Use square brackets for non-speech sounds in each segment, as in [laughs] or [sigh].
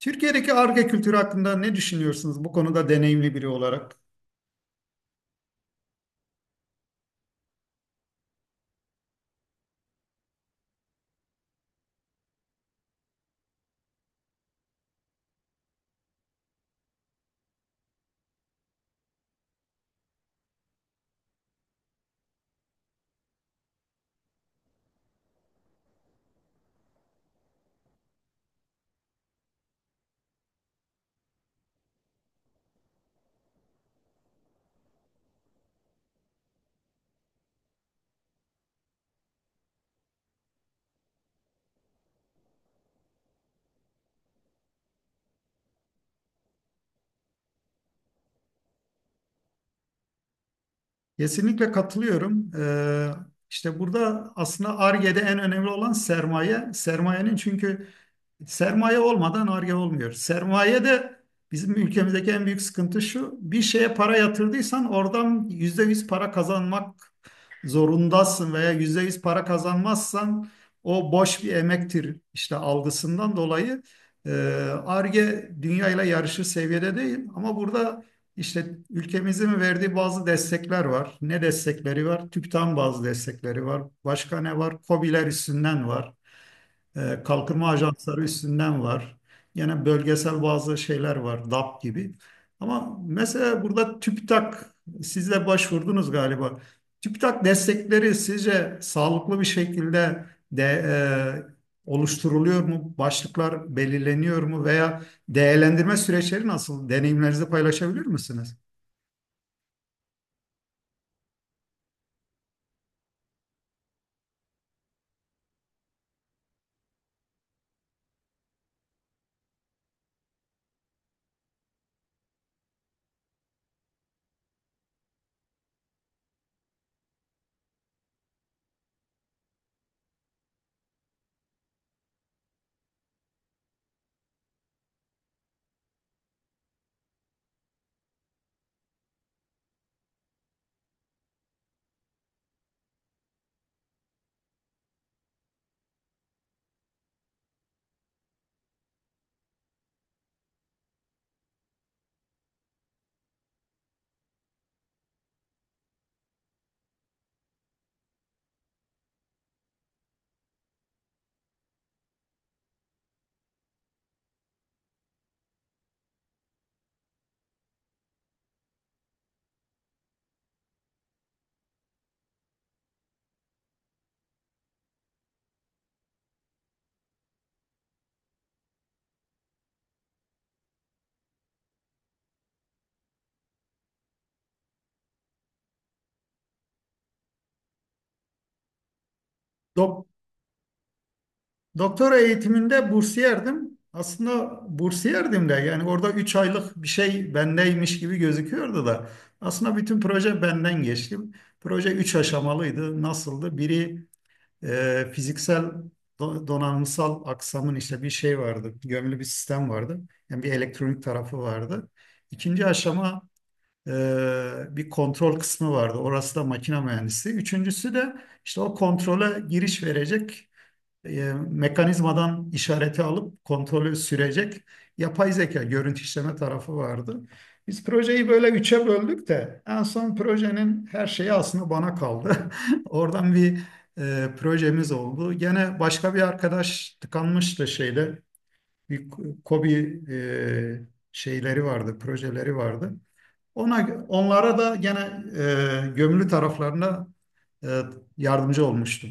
Türkiye'deki Ar-Ge kültürü hakkında ne düşünüyorsunuz bu konuda deneyimli biri olarak? Kesinlikle katılıyorum. İşte burada aslında Ar-Ge'de en önemli olan sermaye. Sermaye olmadan Ar-Ge olmuyor. Sermaye de bizim ülkemizdeki en büyük sıkıntı şu. Bir şeye para yatırdıysan oradan %100 para kazanmak zorundasın veya %100 para kazanmazsan o boş bir emektir işte algısından dolayı e, Ar-Ge dünyayla yarışır seviyede değil, ama burada işte ülkemizin verdiği bazı destekler var. Ne destekleri var? TÜBİTAK'ın bazı destekleri var. Başka ne var? KOBİ'ler üstünden var. Kalkınma ajansları üstünden var. Yine bölgesel bazı şeyler var, DAP gibi. Ama mesela burada TÜBİTAK, siz de başvurdunuz galiba. TÜBİTAK destekleri sizce sağlıklı bir şekilde de oluşturuluyor mu? Başlıklar belirleniyor mu? Veya değerlendirme süreçleri nasıl? Deneyimlerinizi paylaşabilir misiniz? Dok- Doktora eğitiminde bursiyerdim. Aslında bursiyerdim de, yani orada 3 aylık bir şey bendeymiş gibi gözüküyordu da. Aslında bütün proje benden geçti. Proje 3 aşamalıydı. Nasıldı? Biri fiziksel donanımsal aksamın işte bir şey vardı. Gömülü bir sistem vardı. Yani bir elektronik tarafı vardı. İkinci aşama bir kontrol kısmı vardı. Orası da makine mühendisi. Üçüncüsü de işte o kontrole giriş verecek mekanizmadan işareti alıp kontrolü sürecek yapay zeka görüntü işleme tarafı vardı. Biz projeyi böyle üçe böldük de en son projenin her şeyi aslında bana kaldı. [laughs] Oradan bir projemiz oldu. Gene başka bir arkadaş tıkanmıştı şeyde. Bir KOBİ şeyleri vardı, projeleri vardı. Onlara da gene gömülü taraflarına e, yardımcı olmuştum.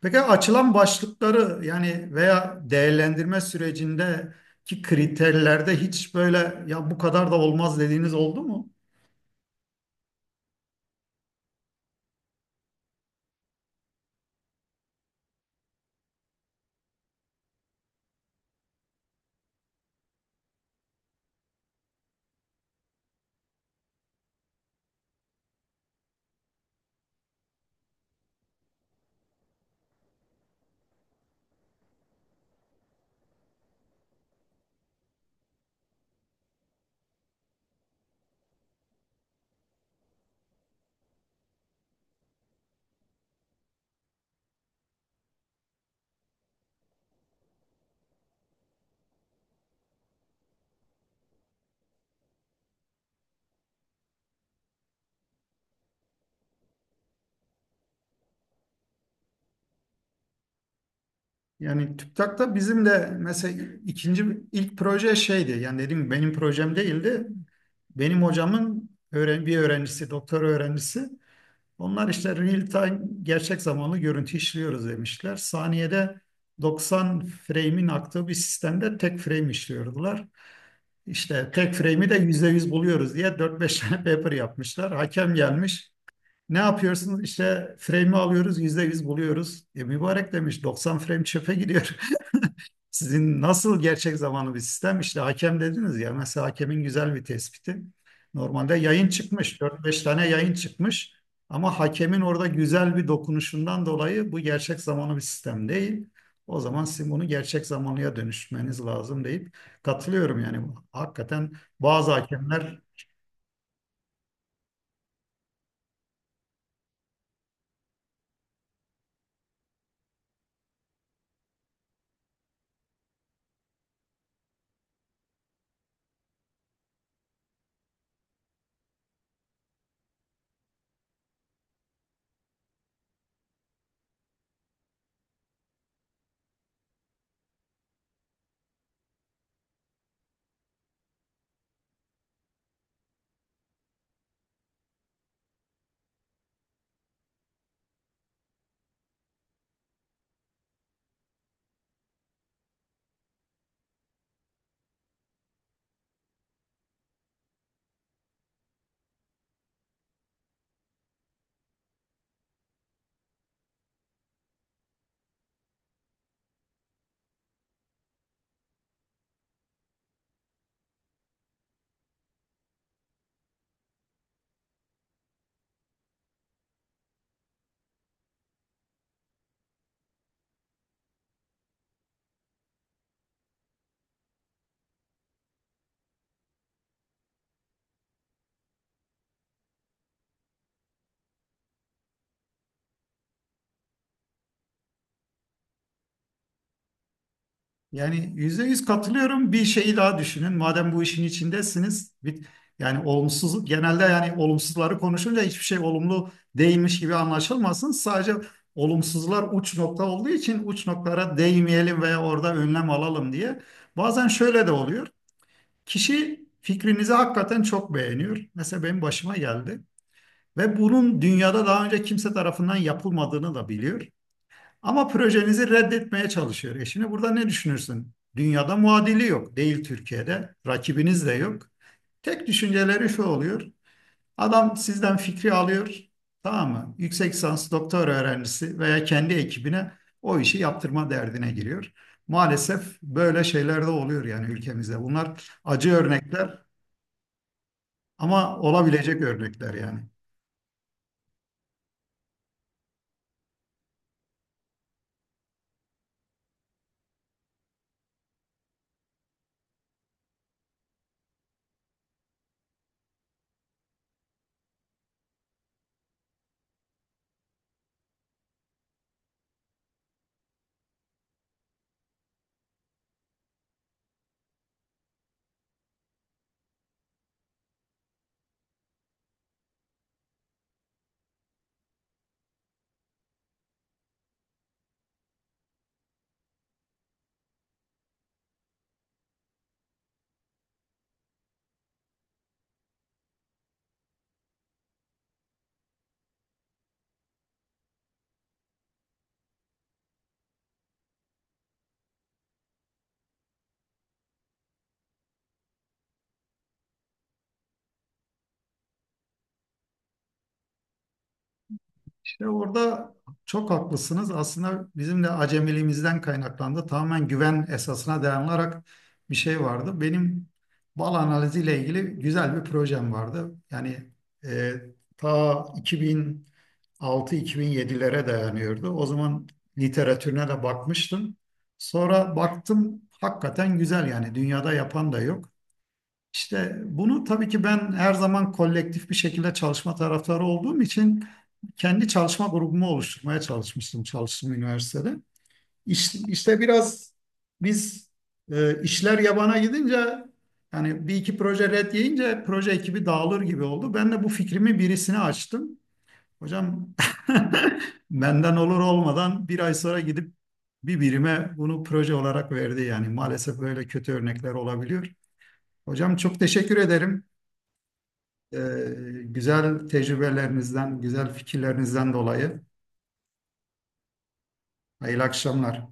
Peki açılan başlıkları, yani veya değerlendirme sürecindeki kriterlerde hiç böyle ya bu kadar da olmaz dediğiniz oldu mu? Yani TÜBİTAK'ta bizim de mesela ikinci ilk proje şeydi. Yani dediğim gibi benim projem değildi. Benim hocamın bir öğrencisi, doktor öğrencisi. Onlar işte real time, gerçek zamanlı görüntü işliyoruz demişler. Saniyede 90 frame'in aktığı bir sistemde tek frame işliyordular. İşte tek frame'i de %100 buluyoruz diye dört beş tane paper yapmışlar. Hakem gelmiş. Ne yapıyorsun? İşte frame'i alıyoruz, %100 buluyoruz. E, mübarek demiş, 90 frame çöpe gidiyor. [laughs] Sizin nasıl gerçek zamanlı bir sistem? İşte hakem dediniz ya, mesela hakemin güzel bir tespiti. Normalde yayın çıkmış, 4-5 tane yayın çıkmış. Ama hakemin orada güzel bir dokunuşundan dolayı bu gerçek zamanlı bir sistem değil. O zaman sizin bunu gerçek zamanlıya dönüşmeniz lazım deyip, katılıyorum yani. Hakikaten bazı hakemler. Yani %100 katılıyorum. Bir şeyi daha düşünün. Madem bu işin içindesiniz, bir, yani olumsuz genelde, yani olumsuzları konuşunca hiçbir şey olumlu değilmiş gibi anlaşılmasın. Sadece olumsuzlar uç nokta olduğu için uç noktalara değmeyelim veya orada önlem alalım diye. Bazen şöyle de oluyor. Kişi fikrinizi hakikaten çok beğeniyor. Mesela benim başıma geldi ve bunun dünyada daha önce kimse tarafından yapılmadığını da biliyor. Ama projenizi reddetmeye çalışıyor. E şimdi burada ne düşünürsün? Dünyada muadili yok. Değil Türkiye'de. Rakibiniz de yok. Tek düşünceleri şu oluyor. Adam sizden fikri alıyor. Tamam mı? Yüksek lisans doktor öğrencisi veya kendi ekibine o işi yaptırma derdine giriyor. Maalesef böyle şeyler de oluyor yani ülkemizde. Bunlar acı örnekler, ama olabilecek örnekler yani. İşte orada çok haklısınız. Aslında bizim de acemiliğimizden kaynaklandı. Tamamen güven esasına dayanarak bir şey vardı. Benim bal analiziyle ilgili güzel bir projem vardı. Yani e, ta 2006-2007'lere dayanıyordu. O zaman literatürüne de bakmıştım. Sonra baktım hakikaten güzel, yani dünyada yapan da yok. İşte bunu tabii ki ben her zaman kolektif bir şekilde çalışma taraftarı olduğum için kendi çalışma grubumu oluşturmaya çalışmıştım çalıştığım üniversitede. İşte, biraz biz işler yabana gidince, yani bir iki proje red yiyince proje ekibi dağılır gibi oldu. Ben de bu fikrimi birisine açtım. Hocam [laughs] benden olur olmadan bir ay sonra gidip bir birime bunu proje olarak verdi. Yani maalesef böyle kötü örnekler olabiliyor. Hocam çok teşekkür ederim. Ee, güzel tecrübelerinizden, güzel fikirlerinizden dolayı hayırlı akşamlar.